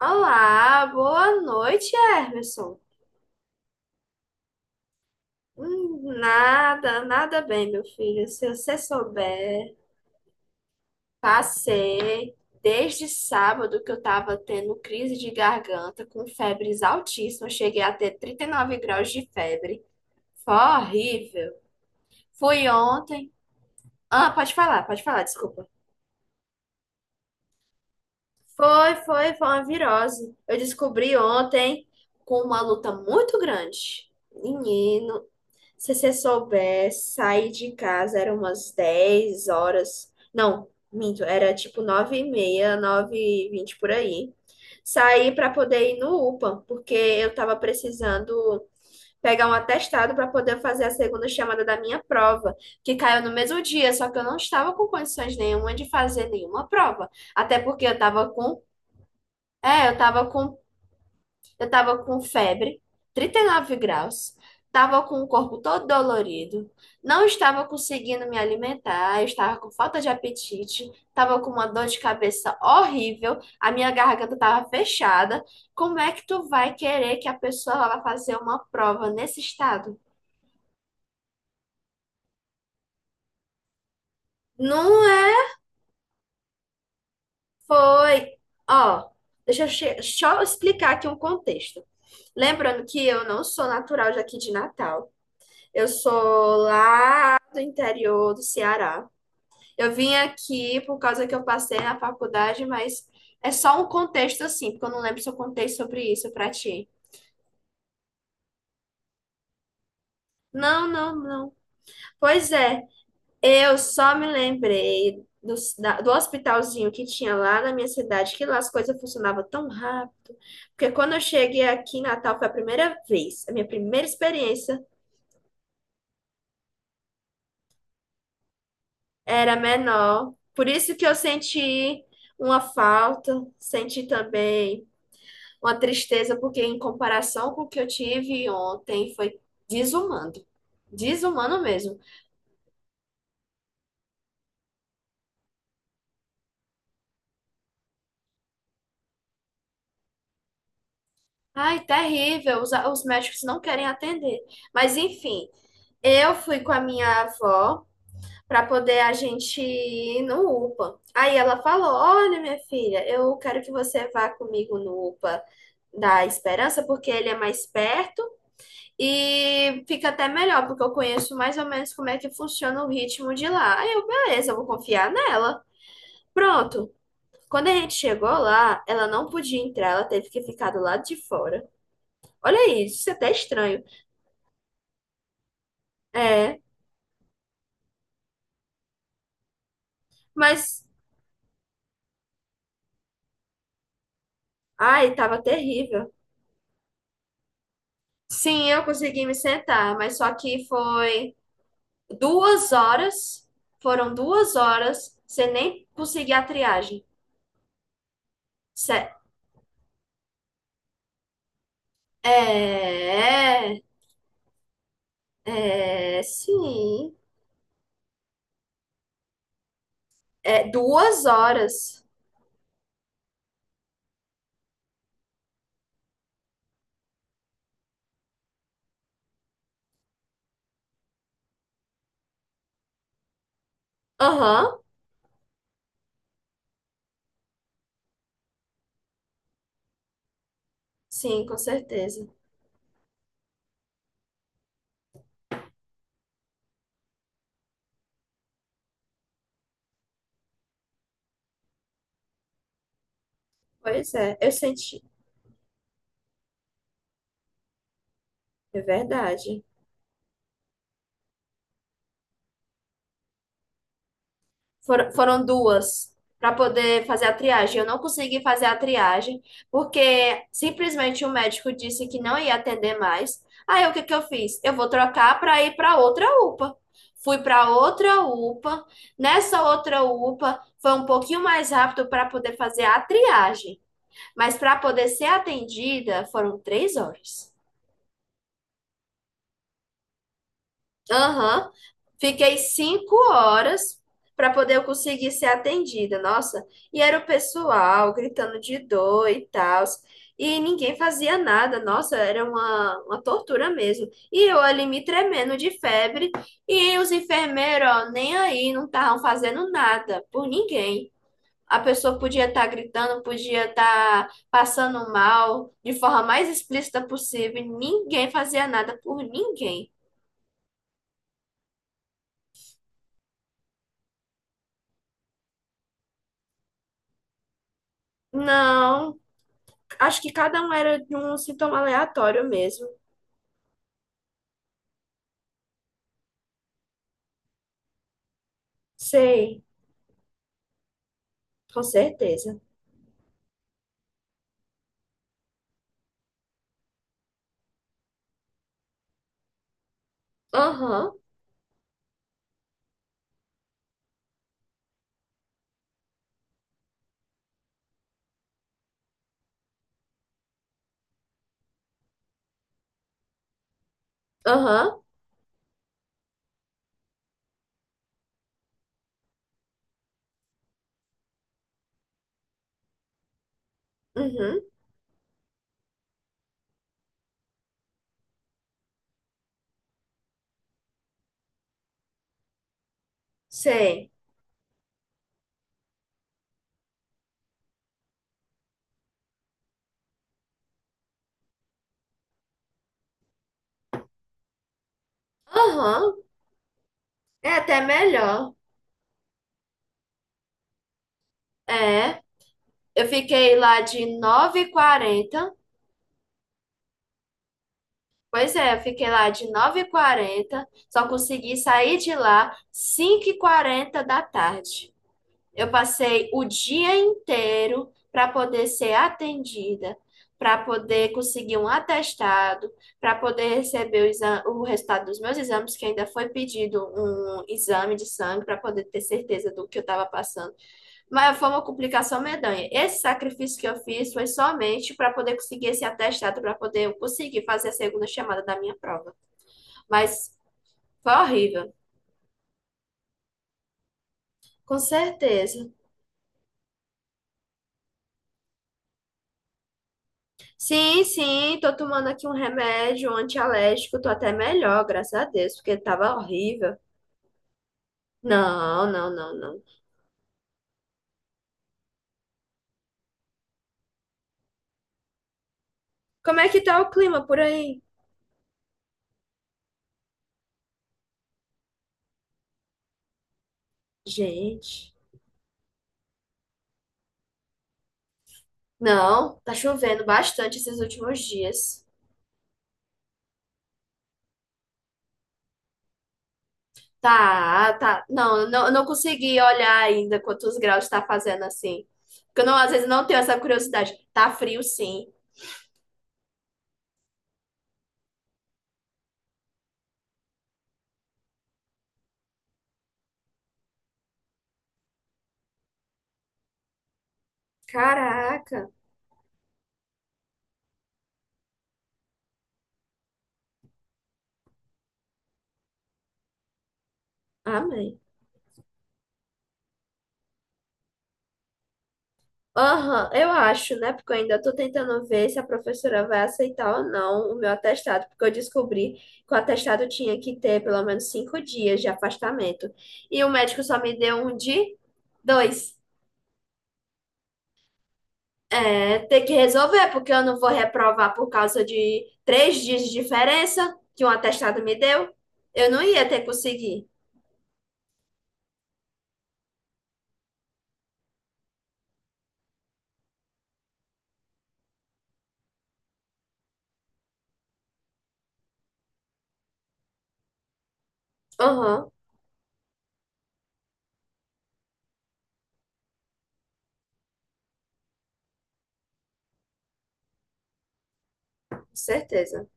Olá, boa noite, Emerson. Nada, nada bem, meu filho. Se você souber, passei desde sábado que eu tava tendo crise de garganta com febres altíssimas. Cheguei a ter 39 graus de febre. Foi horrível. Fui ontem. Ah, pode falar, desculpa. Foi uma virose. Eu descobri ontem com uma luta muito grande. Menino, se você soubesse, sair de casa era umas 10 horas. Não, minto, era tipo 9h30, 9h20 por aí. Saí para poder ir no UPA, porque eu tava precisando pegar um atestado para poder fazer a segunda chamada da minha prova, que caiu no mesmo dia, só que eu não estava com condições nenhuma de fazer nenhuma prova. Até porque eu tava com, é, eu tava com febre, 39 graus, tava com o corpo todo dolorido, não estava conseguindo me alimentar, eu estava com falta de apetite, tava com uma dor de cabeça horrível, a minha garganta tava fechada. Como é que tu vai querer que a pessoa vá fazer uma prova nesse estado? Não é, foi. Ó, deixa eu só explicar aqui um contexto. Lembrando que eu não sou natural daqui de Natal. Eu sou lá do interior do Ceará. Eu vim aqui por causa que eu passei na faculdade, mas é só um contexto assim, porque eu não lembro se eu contei sobre isso pra ti. Não, não, não. Pois é, eu só me lembrei do hospitalzinho que tinha lá na minha cidade, que lá as coisas funcionavam tão rápido. Porque quando eu cheguei aqui em Natal foi a primeira vez, a minha primeira experiência era menor. Por isso que eu senti uma falta, senti também uma tristeza, porque em comparação com o que eu tive ontem, foi desumano. Desumano mesmo. Ai, terrível, os médicos não querem atender. Mas enfim, eu fui com a minha avó para poder a gente ir no UPA. Aí ela falou: olha, minha filha, eu quero que você vá comigo no UPA da Esperança, porque ele é mais perto e fica até melhor, porque eu conheço mais ou menos como é que funciona o ritmo de lá. Aí eu, beleza, eu vou confiar nela. Pronto. Quando a gente chegou lá, ela não podia entrar, ela teve que ficar do lado de fora. Olha isso, isso é até estranho. É, mas, ai, tava terrível. Sim, eu consegui me sentar, mas só que foi 2 horas, foram 2 horas sem nem conseguir a triagem. Sé- É, é, sim. É, 2 horas. Aham, sim, com certeza. Pois é, eu senti. É verdade. Foram duas para poder fazer a triagem. Eu não consegui fazer a triagem porque simplesmente o médico disse que não ia atender mais. Aí o que que eu fiz? Eu vou trocar para ir para outra UPA. Fui para outra UPA. Nessa outra UPA foi um pouquinho mais rápido para poder fazer a triagem, mas para poder ser atendida foram 3 horas. Aham. Fiquei 5 horas para poder eu conseguir ser atendida, nossa. E era o pessoal gritando de dor e tal. E ninguém fazia nada, nossa, era uma tortura mesmo. E eu ali me tremendo de febre. E os enfermeiros, ó, nem aí, não estavam fazendo nada por ninguém. A pessoa podia estar gritando, podia estar passando mal, de forma mais explícita possível. E ninguém fazia nada por ninguém. Não, acho que cada um era de um sintoma aleatório mesmo. Sei, com certeza. Aham, aham, uhum, sei. Aham, é até melhor. É, eu fiquei lá de nove h 40. Pois é, eu fiquei lá de nove h 40, só consegui sair de lá cinco h 40 da tarde. Eu passei o dia inteiro para poder ser atendida, para poder conseguir um atestado, para poder receber o resultado dos meus exames, que ainda foi pedido um exame de sangue para poder ter certeza do que eu estava passando. Mas foi uma complicação medonha. Esse sacrifício que eu fiz foi somente para poder conseguir esse atestado, para poder conseguir fazer a segunda chamada da minha prova. Mas foi horrível. Com certeza. Sim, sim, tô tomando aqui um remédio antialérgico, tô até melhor, graças a Deus, porque tava horrível. Não, não, não, não. Como é que tá o clima por aí? Gente, não, tá chovendo bastante esses últimos dias. Tá, tá. Não, eu não consegui olhar ainda quantos graus tá fazendo assim. Porque eu não, às vezes não tenho essa curiosidade. Tá frio, sim. Caraca. Amém. Aham, eu acho, né? Porque eu ainda tô tentando ver se a professora vai aceitar ou não o meu atestado, porque eu descobri que o atestado tinha que ter pelo menos 5 dias de afastamento. E o médico só me deu um de dois. É, tem que resolver, porque eu não vou reprovar por causa de 3 dias de diferença que um atestado me deu. Eu não ia ter conseguido. Aham, com certeza.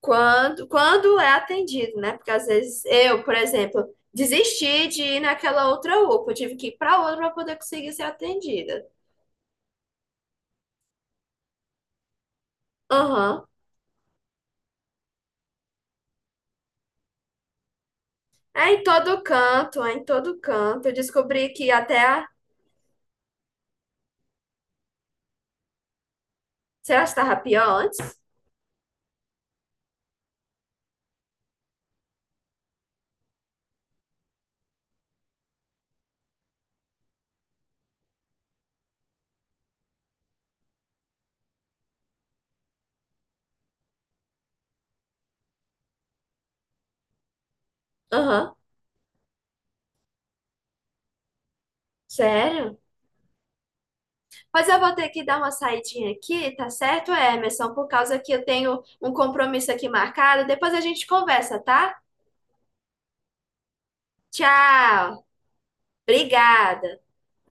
Quando é atendido, né? Porque às vezes eu, por exemplo, desisti de ir naquela outra UPA, eu tive que ir para outra para poder conseguir ser atendida. Aham. É em todo canto, é em todo canto. Eu descobri que até a. Será que estava pior antes? Aham. Sério? Pois eu vou ter que dar uma saidinha aqui, tá certo, Emerson? Por causa que eu tenho um compromisso aqui marcado. Depois a gente conversa, tá? Tchau. Obrigada.